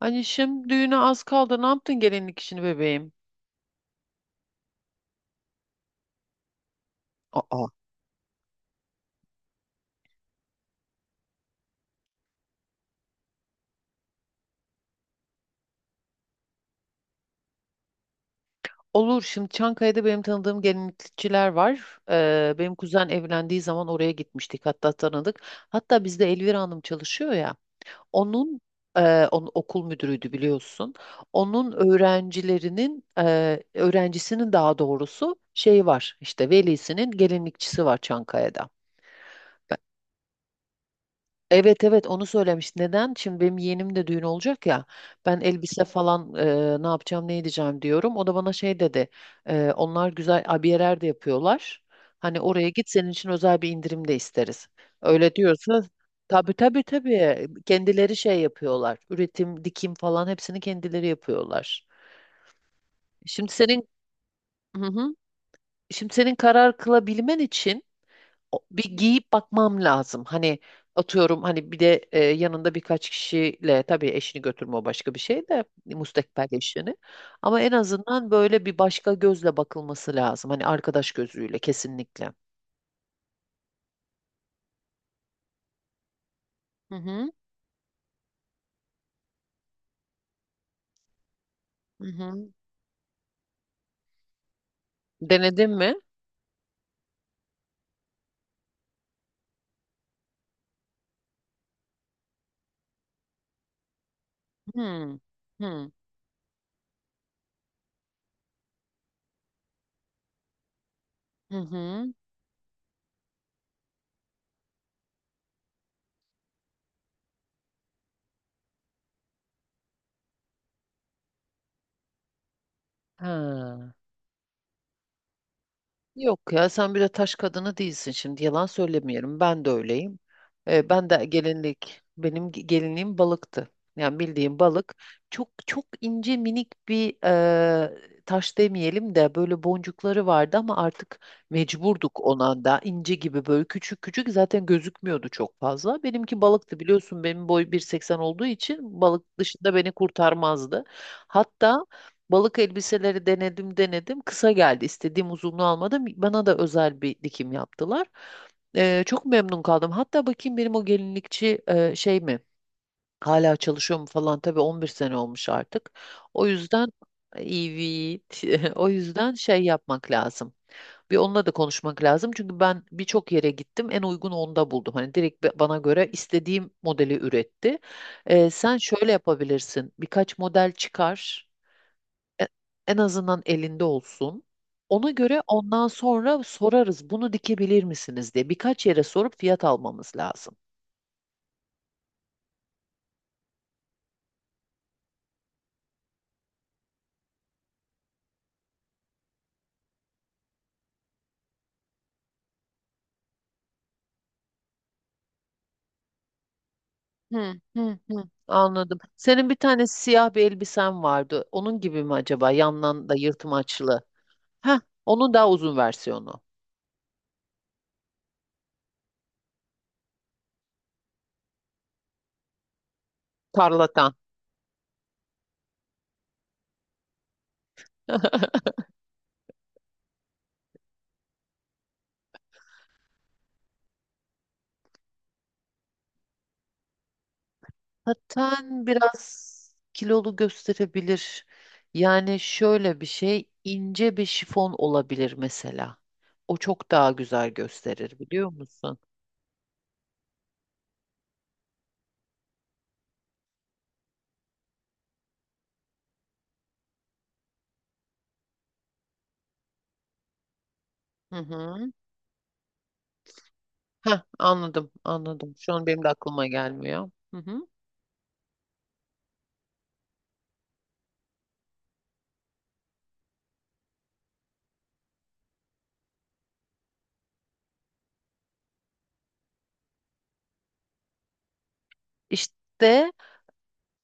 Anişim düğüne az kaldı. Ne yaptın gelinlik işini bebeğim? Aa, olur. Şimdi Çankaya'da benim tanıdığım gelinlikçiler var. Benim kuzen evlendiği zaman oraya gitmiştik. Hatta tanıdık. Hatta bizde Elvira Hanım çalışıyor ya. Onun onun okul müdürüydü biliyorsun. Onun öğrencilerinin öğrencisinin daha doğrusu şey var. İşte velisinin gelinlikçisi var Çankaya'da. Evet evet, onu söylemiş. Neden? Şimdi benim yeğenim de düğün olacak ya. Ben elbise falan ne yapacağım ne edeceğim diyorum. O da bana şey dedi. Onlar güzel abiyeler de yapıyorlar. Hani oraya git, senin için özel bir indirim de isteriz. Öyle diyorsa tabii tabii tabii, kendileri şey yapıyorlar. Üretim, dikim falan hepsini kendileri yapıyorlar. Şimdi senin hı hı. Şimdi senin karar kılabilmen için bir giyip bakmam lazım. Hani atıyorum, hani bir de yanında birkaç kişiyle, tabii eşini götürme, o başka bir şey, de müstakbel eşini. Ama en azından böyle bir başka gözle bakılması lazım. Hani arkadaş gözüyle kesinlikle. Hı hı. Hı hı. Denedin mi? Hı. Hı. Hı hı. Ha. Yok ya, sen bir de taş kadını değilsin, şimdi yalan söylemiyorum, ben de öyleyim. Ben de gelinlik, benim gelinliğim balıktı. Yani bildiğim balık, çok çok ince minik bir taş demeyelim de böyle boncukları vardı ama artık mecburduk, ona da ince gibi böyle küçük küçük, zaten gözükmüyordu çok fazla. Benimki balıktı, biliyorsun benim boy 1,80 olduğu için balık dışında beni kurtarmazdı. Hatta Balık elbiseleri denedim denedim. Kısa geldi. İstediğim uzunluğu almadım. Bana da özel bir dikim yaptılar. Çok memnun kaldım. Hatta bakayım, benim o gelinlikçi şey mi? Hala çalışıyor mu falan. Tabii 11 sene olmuş artık. O yüzden evet. O yüzden şey yapmak lazım. Bir onunla da konuşmak lazım. Çünkü ben birçok yere gittim. En uygun onda buldum. Hani direkt bana göre istediğim modeli üretti. Sen şöyle yapabilirsin. Birkaç model çıkar. E- En azından elinde olsun. Ona göre ondan sonra sorarız bunu dikebilir misiniz diye. Birkaç yere sorup fiyat almamız lazım. Hı hı hı. Anladım. Senin bir tane siyah bir elbisen vardı. Onun gibi mi acaba? Yandan da yırtmaçlı. Heh, onun daha uzun versiyonu. Tarlatan. Zaten biraz kilolu gösterebilir. Yani şöyle bir şey, ince bir şifon olabilir mesela. O çok daha güzel gösterir, biliyor musun? Hı hı. Heh, anladım, anladım. Şu an benim de aklıma gelmiyor. Hı hı. İşte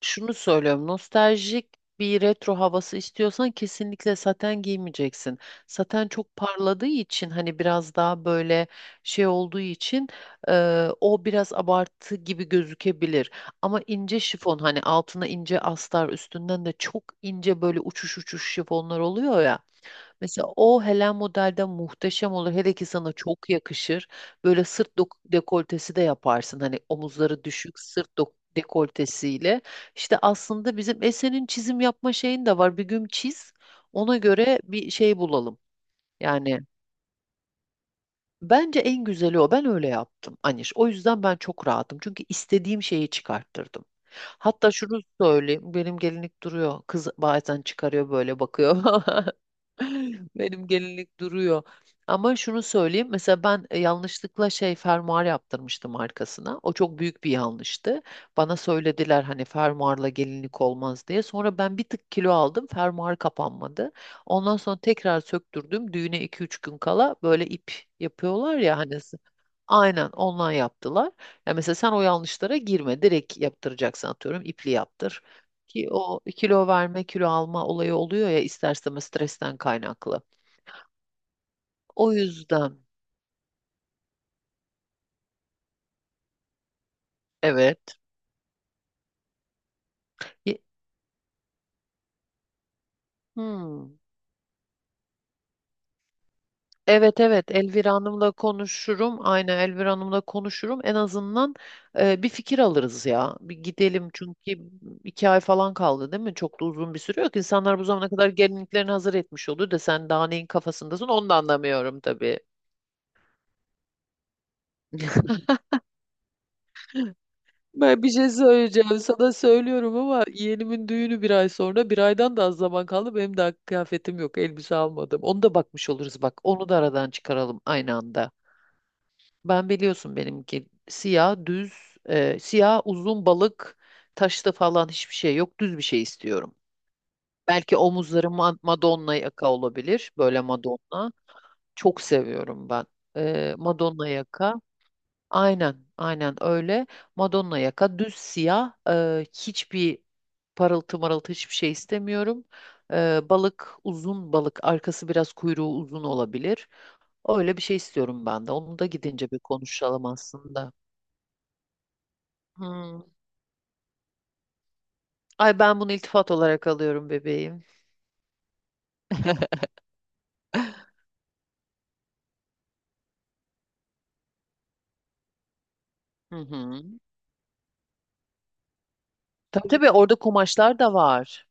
şunu söylüyorum. Nostaljik bir retro havası istiyorsan kesinlikle saten giymeyeceksin. Saten çok parladığı için, hani biraz daha böyle şey olduğu için o biraz abartı gibi gözükebilir. Ama ince şifon, hani altına ince astar, üstünden de çok ince böyle uçuş uçuş şifonlar oluyor ya. Mesela o Helen modelde muhteşem olur. Hele ki sana çok yakışır. Böyle sırt dekoltesi de yaparsın. Hani omuzları düşük sırt dekoltesiyle. İşte aslında bizim Esen'in çizim yapma şeyin de var. Bir gün çiz. Ona göre bir şey bulalım. Yani Bence en güzeli o. Ben öyle yaptım Aniş. O yüzden ben çok rahatım. Çünkü istediğim şeyi çıkarttırdım. Hatta şunu söyleyeyim. Benim gelinlik duruyor. Kız bazen çıkarıyor böyle bakıyor. Benim gelinlik duruyor. Ama şunu söyleyeyim. Mesela ben yanlışlıkla şey fermuar yaptırmıştım arkasına. O çok büyük bir yanlıştı. Bana söylediler hani fermuarla gelinlik olmaz diye. Sonra ben bir tık kilo aldım. Fermuar kapanmadı. Ondan sonra tekrar söktürdüm. Düğüne 2-3 gün kala böyle ip yapıyorlar ya hani. Aynen ondan yaptılar. Ya mesela sen o yanlışlara girme. Direkt yaptıracaksın, atıyorum ipli yaptır. Ki o kilo verme kilo alma olayı oluyor ya, ister istemez stresten kaynaklı. O yüzden evet. Ye- Hmm. evet evet, Elvira Hanım'la konuşurum. Aynen, Elvira Hanım'la konuşurum. En azından bir fikir alırız ya. Bir gidelim çünkü 2 ay falan kaldı değil mi? Çok da uzun bir süre yok. İnsanlar bu zamana kadar gelinliklerini hazır etmiş oldu da, sen daha neyin kafasındasın onu da anlamıyorum tabii. Ben bir şey söyleyeceğim sana, söylüyorum ama yeğenimin düğünü 1 ay sonra, bir aydan da az zaman kaldı, benim daha kıyafetim yok, elbise almadım, onu da bakmış oluruz, bak onu da aradan çıkaralım aynı anda. Ben, biliyorsun benimki siyah düz siyah uzun balık, taşlı falan hiçbir şey yok, düz bir şey istiyorum. Belki omuzları Madonna yaka olabilir, böyle Madonna çok seviyorum ben. Madonna yaka, aynen aynen öyle, Madonna yaka düz siyah, hiçbir parıltı marıltı hiçbir şey istemiyorum. Balık, uzun balık, arkası biraz kuyruğu uzun olabilir. Öyle bir şey istiyorum ben de. Onu da gidince bir konuşalım aslında. Hmm. Ay, ben bunu iltifat olarak alıyorum bebeğim. Hı hı. Tabii tabii, orada kumaşlar da var.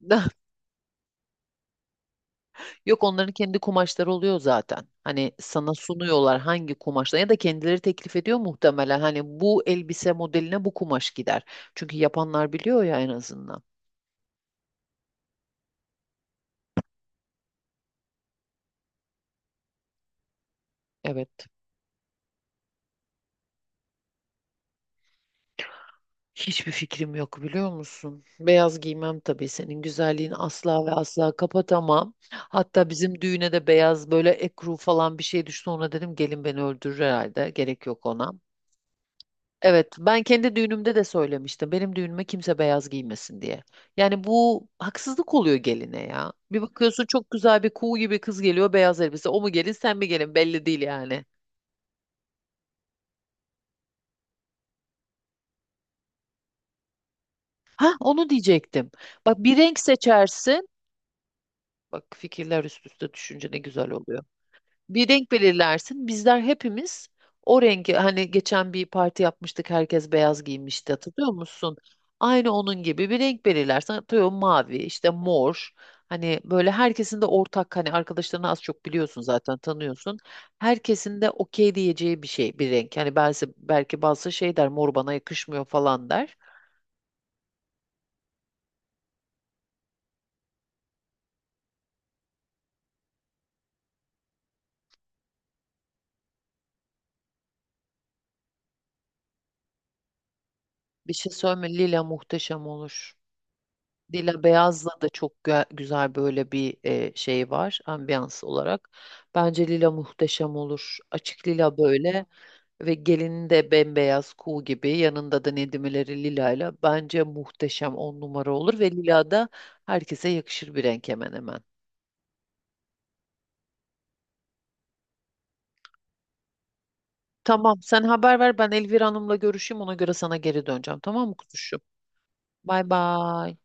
Yok, onların kendi kumaşları oluyor zaten. Hani sana sunuyorlar hangi kumaşla, ya da kendileri teklif ediyor muhtemelen. Hani bu elbise modeline bu kumaş gider. Çünkü yapanlar biliyor ya en azından. Evet. Hiçbir fikrim yok, biliyor musun? Beyaz giymem tabii, senin güzelliğini asla ve asla kapatamam. Hatta bizim düğüne de beyaz böyle ekru falan bir şey düştü. Ona dedim, gelin beni öldürür herhalde. Gerek yok ona. Evet, ben kendi düğünümde de söylemiştim. Benim düğünüme kimse beyaz giymesin diye. Yani bu haksızlık oluyor geline ya. Bir bakıyorsun çok güzel bir kuğu gibi kız geliyor, beyaz elbise. O mu gelin sen mi gelin belli değil yani. Ha, onu diyecektim. Bak, bir renk seçersin. Bak, fikirler üst üste düşünce ne güzel oluyor. Bir renk belirlersin. Bizler hepimiz o rengi, hani geçen bir parti yapmıştık herkes beyaz giymişti hatırlıyor musun? Aynı onun gibi bir renk belirlersin. Atıyorum mavi, işte mor. Hani böyle herkesin de ortak, hani arkadaşlarını az çok biliyorsun zaten, tanıyorsun. Herkesin de okey diyeceği bir şey, bir renk. Hani belki, belki bazı şey der, mor bana yakışmıyor falan der. Bir şey söyleme, lila muhteşem olur. Dila Beyaz'la da çok güzel böyle bir şey var, ambiyans olarak. Bence lila muhteşem olur. Açık lila böyle, ve gelinin de bembeyaz kuğu gibi, yanında da Nedimeleri lilayla, bence muhteşem on numara olur. Ve lila da herkese yakışır bir renk hemen hemen. Tamam, sen haber ver, ben Elvira Hanım'la görüşeyim, ona göre sana geri döneceğim, tamam mı kuzuşum? Bay bay.